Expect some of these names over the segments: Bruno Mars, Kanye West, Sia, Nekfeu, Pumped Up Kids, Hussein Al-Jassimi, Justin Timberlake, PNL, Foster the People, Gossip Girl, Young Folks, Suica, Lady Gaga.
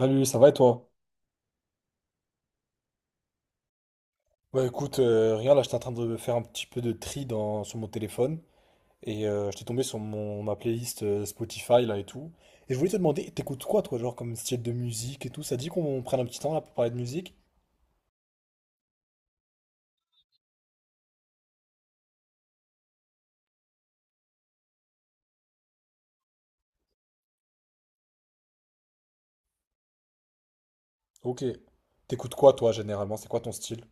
Salut, ça va et toi? Ouais, écoute, rien, là, j'étais en train de faire un petit peu de tri sur mon téléphone et j'étais tombé sur ma playlist Spotify là et tout. Et je voulais te demander, t'écoutes quoi toi, genre comme style de musique et tout? Ça dit qu'on prenne un petit temps là pour parler de musique? Ok. T'écoutes quoi toi généralement? C'est quoi ton style?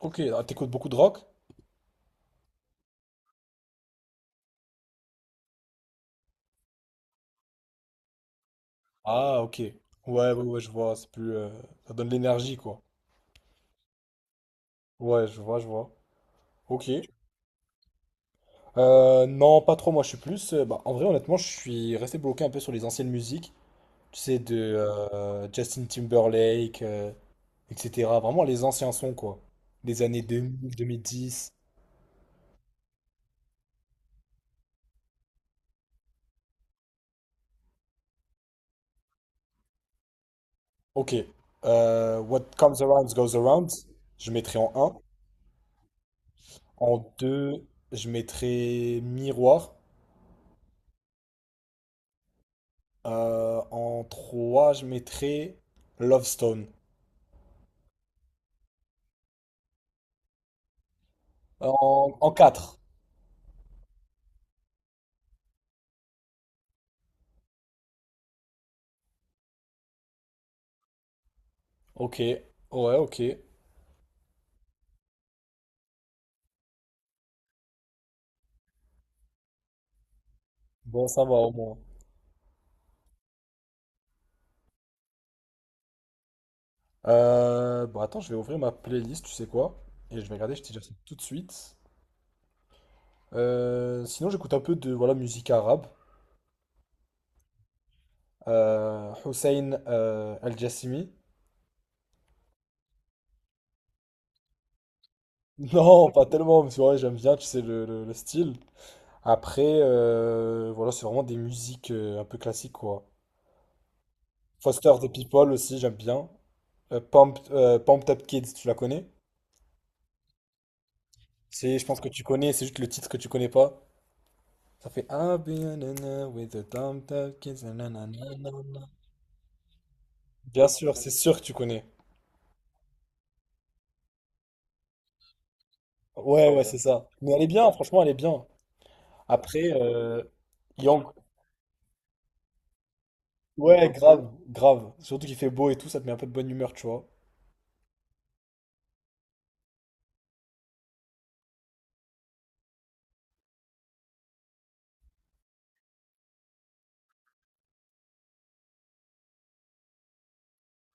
Ok, ah, t'écoutes beaucoup de rock? Ah, ok. Ouais, ouais, ouais, je vois, c'est plus, ça donne de l'énergie quoi. Ouais, je vois, je vois. Ok. Non, pas trop. Moi, je suis plus, bah, en vrai, honnêtement, je suis resté bloqué un peu sur les anciennes musiques. Tu sais, de Justin Timberlake, etc. Vraiment les anciens sons, quoi. Des années 2000, 2010. Ok. What comes around goes around. Je mettrai en un. En 2 je mettrai Miroir. En trois je mettrai Love Stone. En, en quatre. Ok. Ouais, ok. Bon, ça va au moins. Bon, attends, je vais ouvrir ma playlist, tu sais quoi? Et je vais regarder, je te dis ça tout de suite. Sinon, j'écoute un peu de voilà, musique arabe. Hussein Al-Jassimi. Non, pas tellement, mais c'est vrai, j'aime bien, tu sais, le style. Après, voilà, c'est vraiment des musiques un peu classiques, quoi. Foster the People aussi, j'aime bien. Pumped Up Kids, tu la connais? C'est, je pense que tu connais, c'est juste le titre que tu connais pas. Ça fait I'll be in love with the Pumped Up Kids, nanana. Bien sûr, c'est sûr que tu connais. Ouais, ouais, c'est ça. Mais elle est bien, franchement, elle est bien. Après, il ouais, grave, grave. Surtout qu'il fait beau et tout, ça te met un peu de bonne humeur, tu vois.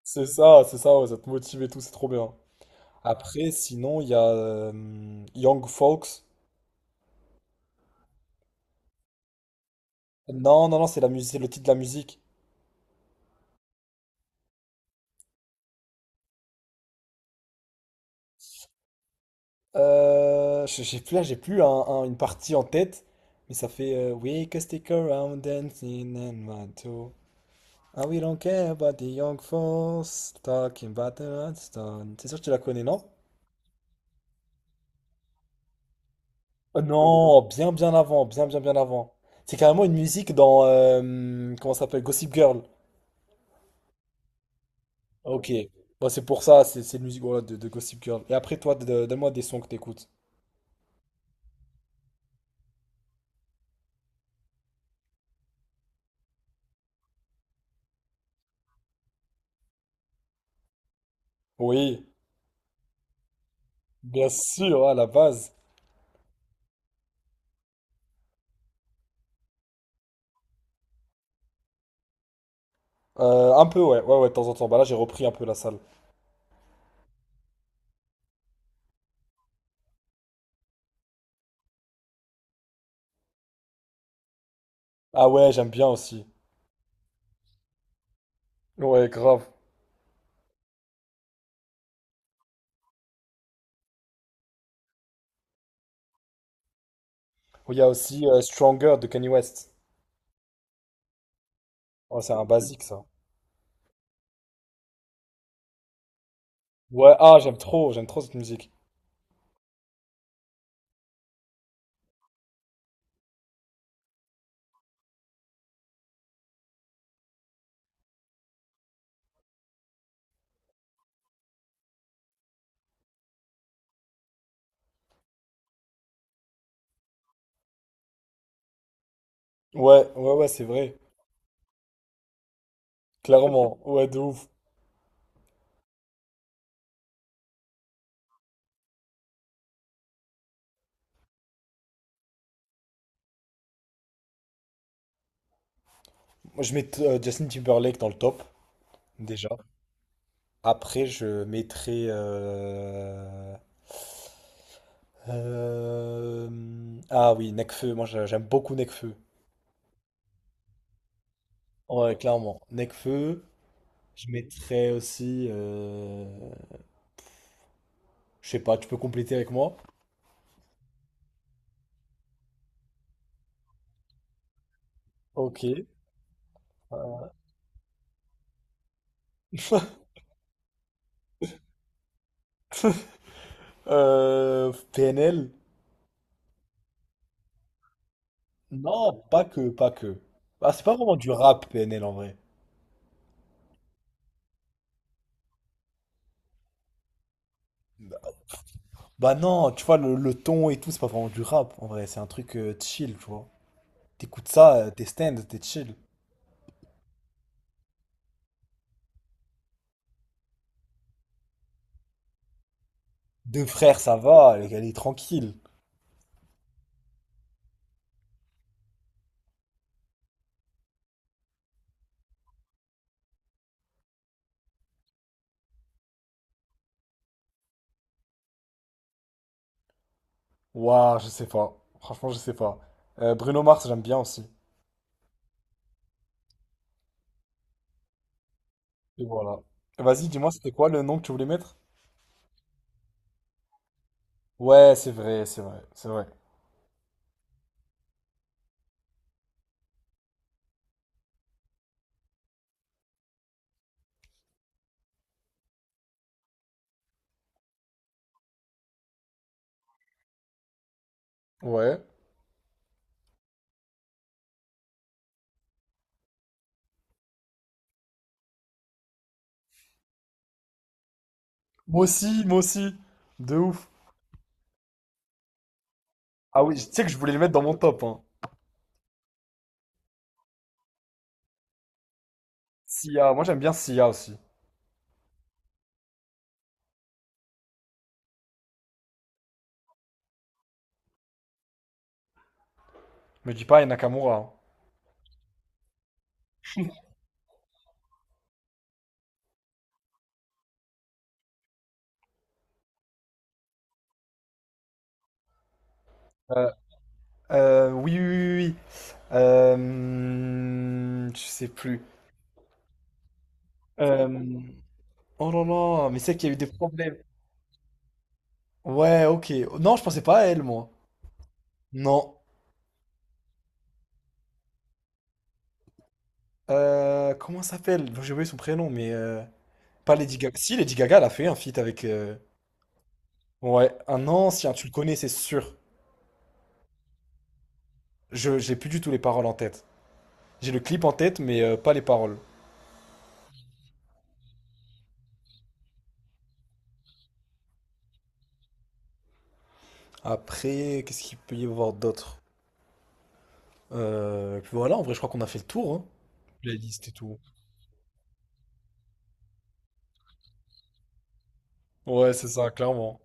C'est ça, ouais, ça te motive et tout, c'est trop bien. Après, sinon, il y a Young Folks. Non, non, non, c'est la musique, c'est le titre de la musique. J'ai plus là, j'ai plus une partie en tête, mais ça fait We can stick around dancing and want to. And we don't care about the young folks talking about the hot stone. C'est sûr que tu la connais, non? Oh non, bien bien avant, bien bien bien avant. C'est carrément une musique dans comment ça s'appelle? Gossip Girl. Ok. Bah, c'est pour ça, c'est une musique voilà, de Gossip Girl. Et après toi, donne-moi des sons que t'écoutes. Oui, bien sûr, à la base. Un peu, ouais, ouais, ouais, de temps en temps. Bah là, j'ai repris un peu la salle. Ah ouais, j'aime bien aussi. Ouais, grave. Oh, il y a aussi Stronger de Kanye West. Oh, c'est un basique ça. Ouais, ah, j'aime trop cette musique. Ouais, ouais, ouais, c'est vrai. Clairement, ouais, de ouf. Moi, je mets Justin Timberlake dans le top, déjà. Après, je mettrai euh, ah oui, Nekfeu. Moi, j'aime beaucoup Nekfeu. Ouais, clairement. Nekfeu. Je mettrais aussi, je sais pas, tu peux compléter avec moi? Ok. PNL? Non, pas que, pas que. Ah, c'est pas vraiment du rap, PNL en vrai. Bah non, tu vois, le ton et tout, c'est pas vraiment du rap en vrai. C'est un truc chill, tu vois. T'écoutes ça, t'es stand, t'es chill. Deux frères, ça va, elle est tranquille. Waouh, je sais pas. Franchement, je sais pas. Bruno Mars, j'aime bien aussi. Et voilà. Vas-y, dis-moi, c'était quoi le nom que tu voulais mettre? Ouais, c'est vrai, c'est vrai, c'est vrai. Ouais. Moi aussi, moi aussi. De ouf. Ah oui, tu sais que je voulais le mettre dans mon top, hein. Sia, moi j'aime bien Sia aussi. Me dis pas et Nakamura, hein. Euh, oui, oui, oui, oui. Je sais plus. Euh, oh là là, mais c'est qu'il y a eu des problèmes. Ouais, ok. Non, je pensais pas à elle, moi. Non. Comment ça s'appelle? J'ai oublié son prénom, mais pas Lady Gaga. Si, Lady Gaga, elle a fait un feat avec, ouais, un ancien, tu le connais, c'est sûr. J'ai plus du tout les paroles en tête. J'ai le clip en tête, mais pas les paroles. Après, qu'est-ce qu'il peut y avoir d'autre? Puis voilà, en vrai, je crois qu'on a fait le tour, hein. La liste et tout. Ouais, c'est ça, clairement.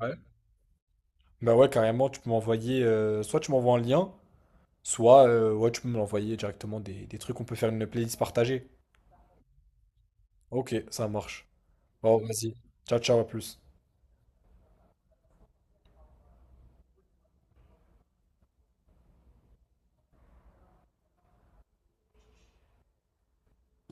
Ouais. Bah ouais, carrément, tu peux m'envoyer, soit tu m'envoies un lien, soit ouais, tu peux me l'envoyer directement des trucs. On peut faire une playlist partagée. Ok, ça marche. Bon, vas-y. Ciao, ciao, à plus.